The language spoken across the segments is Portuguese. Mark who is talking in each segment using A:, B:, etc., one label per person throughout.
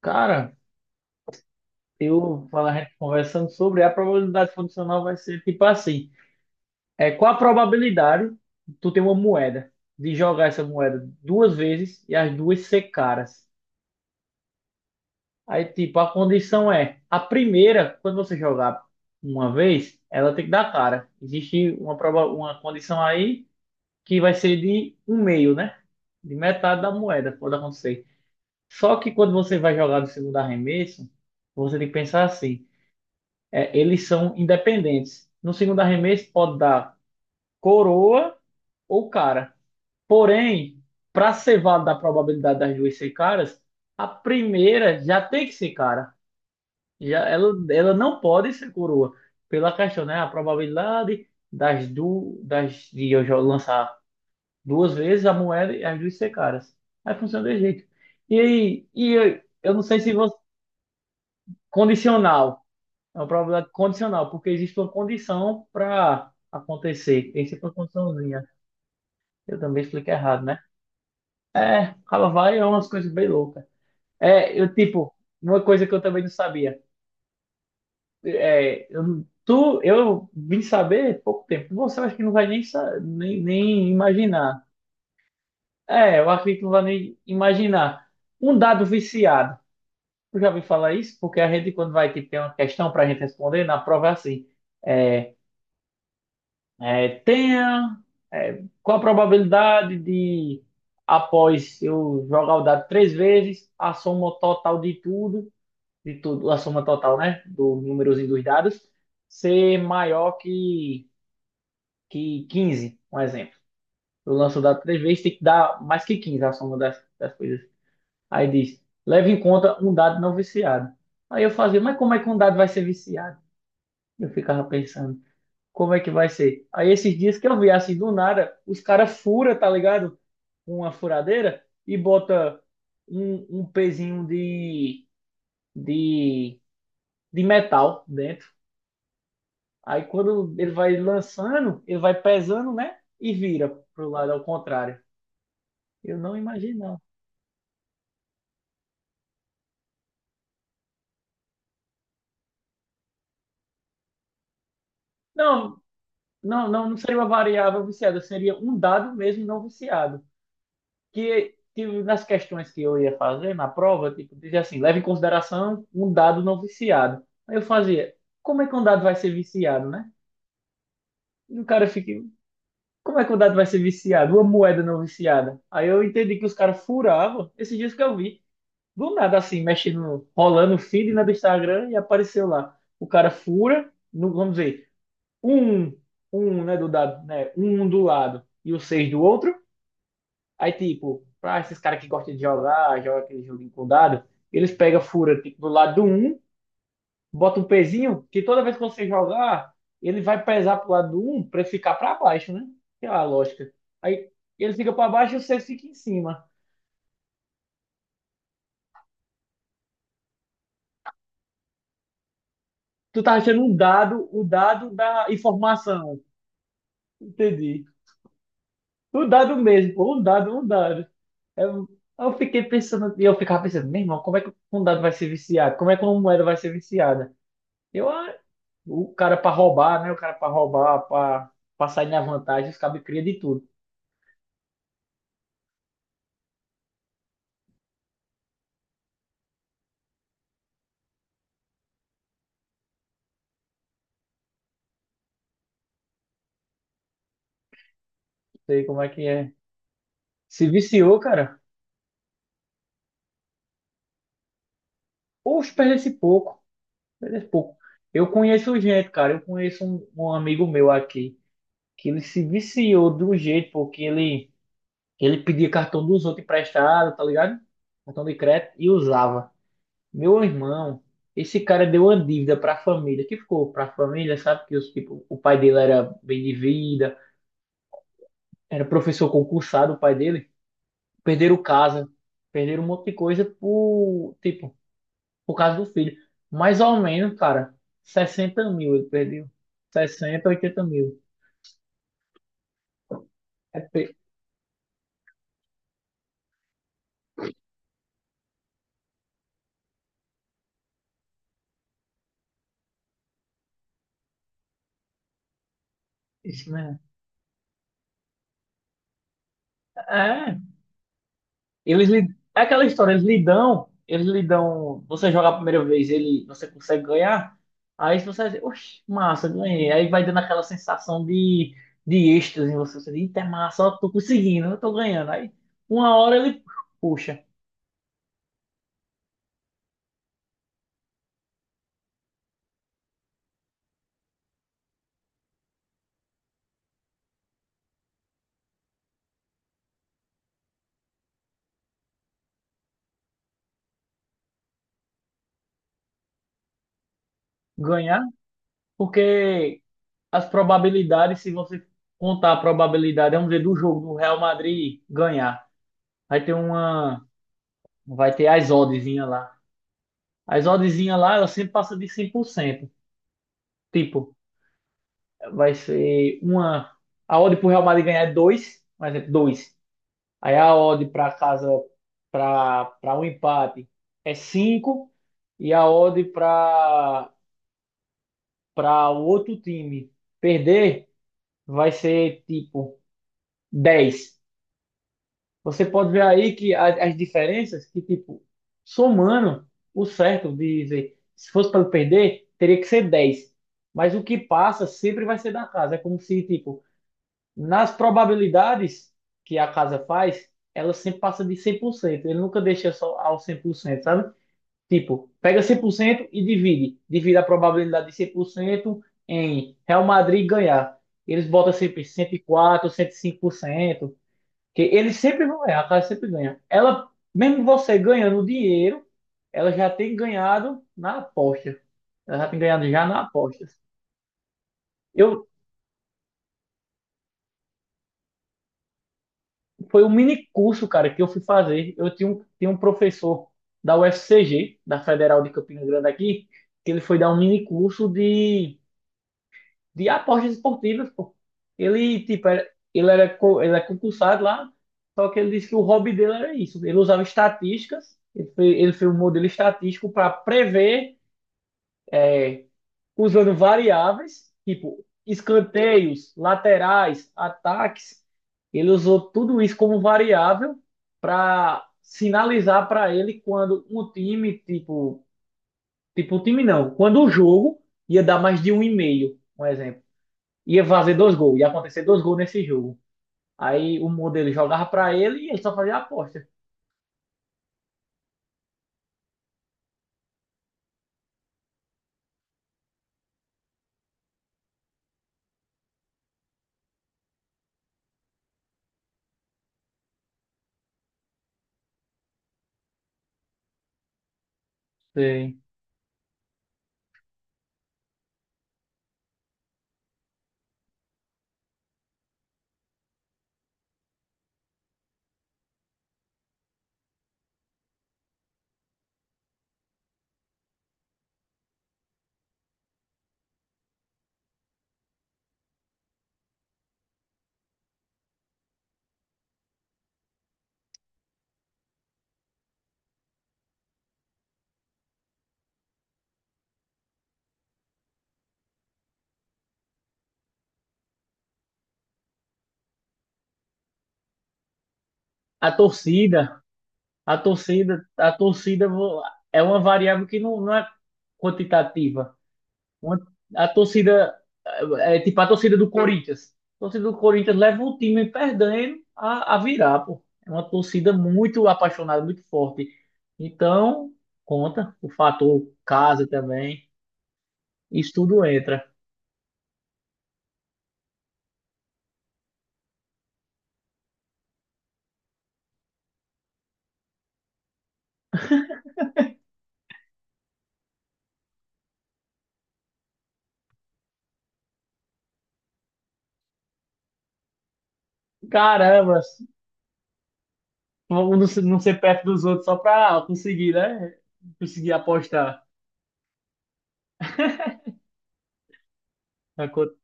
A: Cara, eu falar a gente conversando sobre a probabilidade funcional vai ser tipo assim. É, qual a probabilidade de tu ter uma moeda, de jogar essa moeda 2 vezes e as duas ser caras? Aí, tipo, a condição é, a primeira, quando você jogar uma vez, ela tem que dar cara. Existe uma, uma condição aí que vai ser de um meio, né? De metade da moeda, pode acontecer. Só que quando você vai jogar do segundo arremesso, você tem que pensar assim. É, eles são independentes. No segundo arremesso pode dar coroa ou cara. Porém, para ser válida a probabilidade das duas ser caras, a primeira já tem que ser cara. Já, ela não pode ser coroa. Pela questão, né? A probabilidade das, de eu já lançar 2 vezes a moeda e as duas ser caras. Aí funciona desse jeito. E aí, eu não sei se você. Condicional. É uma probabilidade condicional, porque existe uma condição para acontecer. Tem sempre uma condiçãozinha. Eu também expliquei errado, né? É, ela vai é umas coisas bem loucas. É, eu, tipo, uma coisa que eu também não sabia. É, eu, tu, eu vim saber pouco tempo. Você acho que não vai nem, nem imaginar. É, eu acredito que não vai nem imaginar. Um dado viciado. Tu já ouviu falar isso? Porque a gente, quando vai, tipo, ter uma questão para a gente responder, na prova é assim. É, é, tenha. É, qual a probabilidade de, após eu jogar o dado 3 vezes, a soma total de tudo, a soma total, né? Do númerozinho dos dados, ser maior que 15 um exemplo. Eu lanço o dado 3 vezes, tem que dar mais que 15 a soma das, das coisas. Aí diz, leve em conta um dado não viciado. Aí eu fazia, mas como é que um dado vai ser viciado? Eu ficava pensando. Como é que vai ser? Aí esses dias que eu vi assim do nada, os caras fura, tá ligado? Com uma furadeira e bota um pezinho de, de metal dentro. Aí quando ele vai lançando, ele vai pesando, né? E vira pro lado ao contrário. Eu não imagino, não. Não, não, não, não seria uma variável viciada, seria um dado mesmo não viciado. Que tipo, nas questões que eu ia fazer na prova, tipo, dizia assim, leva em consideração um dado não viciado. Aí eu fazia, como é que um dado vai ser viciado, né? E o cara fica, como é que um dado vai ser viciado? Uma moeda não viciada. Aí eu entendi que os caras furavam, esses dias que eu vi, do nada assim, mexendo, rolando o feed, né, do Instagram e apareceu lá. O cara fura, no, vamos dizer, um, um, né, do dado, né, um do lado e o seis do outro. Aí, tipo, pra esses caras que gostam de jogar, joga aquele joguinho com dado, eles pegam, fura, tipo, do lado do 1, bota um pezinho, que toda vez que você jogar, ele vai pesar pro lado do 1 pra ele ficar pra baixo, né? Que é a lógica. Aí ele fica pra baixo e você fica em cima. Tu tá achando um dado, o dado da informação. Entendi. O dado mesmo, pô, um dado, um dado. Eu, eu fiquei pensando, e eu ficava pensando, meu irmão, como é que um dado vai ser viciado? Como é que uma moeda vai ser viciada? Eu, ah, o cara pra roubar, né? O cara pra roubar, pra sair na vantagem, os cabos cria de tudo. Não sei como é que é. Se viciou, cara. Poxa, esse pouco. Perdesse pouco. Eu conheço gente, cara. Eu conheço um amigo meu aqui que ele se viciou de um jeito, porque ele pedia cartão dos outros emprestado, tá ligado? Cartão de crédito e usava. Meu irmão, esse cara deu uma dívida pra família, que ficou pra família, sabe? Que os, tipo, o pai dele era bem de vida, era professor concursado, o pai dele. Perderam casa, perderam um monte de coisa por, tipo, por causa do filho. Mais ou menos, cara, 60 mil ele perdeu. 60, 80 mil. É, pe- isso mesmo. É, eles lhe, é aquela história, eles lhe dão, você joga a primeira vez, ele, você consegue ganhar, aí você diz, oxe, massa, ganhei. Aí vai dando aquela sensação de êxtase em você, você diz, eita, é massa, ó, tô conseguindo, eu tô ganhando. Aí, uma hora ele, puxa, ganhar, porque as probabilidades, se você contar a probabilidade, vamos dizer, do jogo do Real Madrid ganhar, vai ter uma, vai ter as oddzinha lá. As oddzinha lá, ela sempre passa de 100%. Tipo, vai ser uma, a odd pro Real Madrid ganhar é 2, por exemplo, 2. Aí a odd para casa para um empate é 5 e a odd para o outro time perder vai ser tipo 10. Você pode ver aí que as diferenças que, tipo, somando o certo de dizer, se fosse para perder, teria que ser 10. Mas o que passa sempre vai ser da casa. É como se, tipo, nas probabilidades que a casa faz, ela sempre passa de cem por cento. Ele nunca deixa só ao 100%, sabe? Tipo, pega 100% e divide. Divide a probabilidade de 100% em Real Madrid ganhar. Eles botam sempre cento e quatro, 105%, que eles sempre vão errar, a casa sempre ganha. Ela, mesmo você ganhando dinheiro, ela já tem ganhado na aposta. Ela já tem ganhado já na aposta. Eu, foi um mini curso, cara, que eu fui fazer. Eu tinha um professor da UFCG, da Federal de Campina Grande aqui, que ele foi dar um mini curso de apostas esportivas, pô. Ele, tipo, era, ele era, ele é concursado lá, só que ele disse que o hobby dele era isso. Ele usava estatísticas, ele foi um modelo estatístico para prever, é, usando variáveis, tipo, escanteios, laterais, ataques. Ele usou tudo isso como variável para sinalizar para ele quando um time, tipo, tipo, o time não, quando o jogo ia dar mais de um e meio, um exemplo ia fazer 2 gols, ia acontecer 2 gols nesse jogo. Aí o modelo jogava para ele e ele só fazia a aposta. Sim. A torcida, a torcida, a torcida é uma variável que não, não é quantitativa. Uma- a torcida é, é tipo a torcida do Corinthians. A torcida do Corinthians leva o time perdendo a virar, pô. É uma torcida muito apaixonada, muito forte. Então, conta o fator casa também. Isso tudo entra. Caramba, vamos não ser perto dos outros só pra conseguir, né? Conseguir apostar. a co-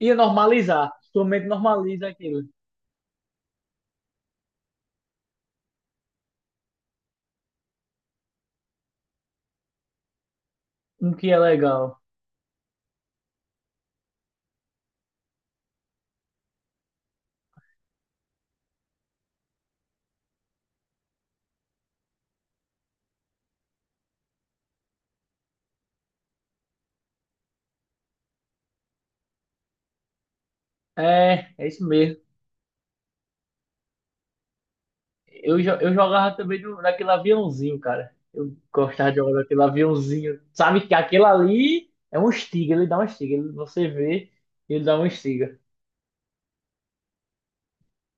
A: e normalizar. Sua mente normaliza aquilo. O que é legal. É, é isso mesmo. Eu, eu jogava também no, naquele aviãozinho, cara. Eu gostava de jogar naquele aviãozinho. Sabe que aquele ali é um estiga, ele dá um estiga. Ele, você vê, ele dá um estiga.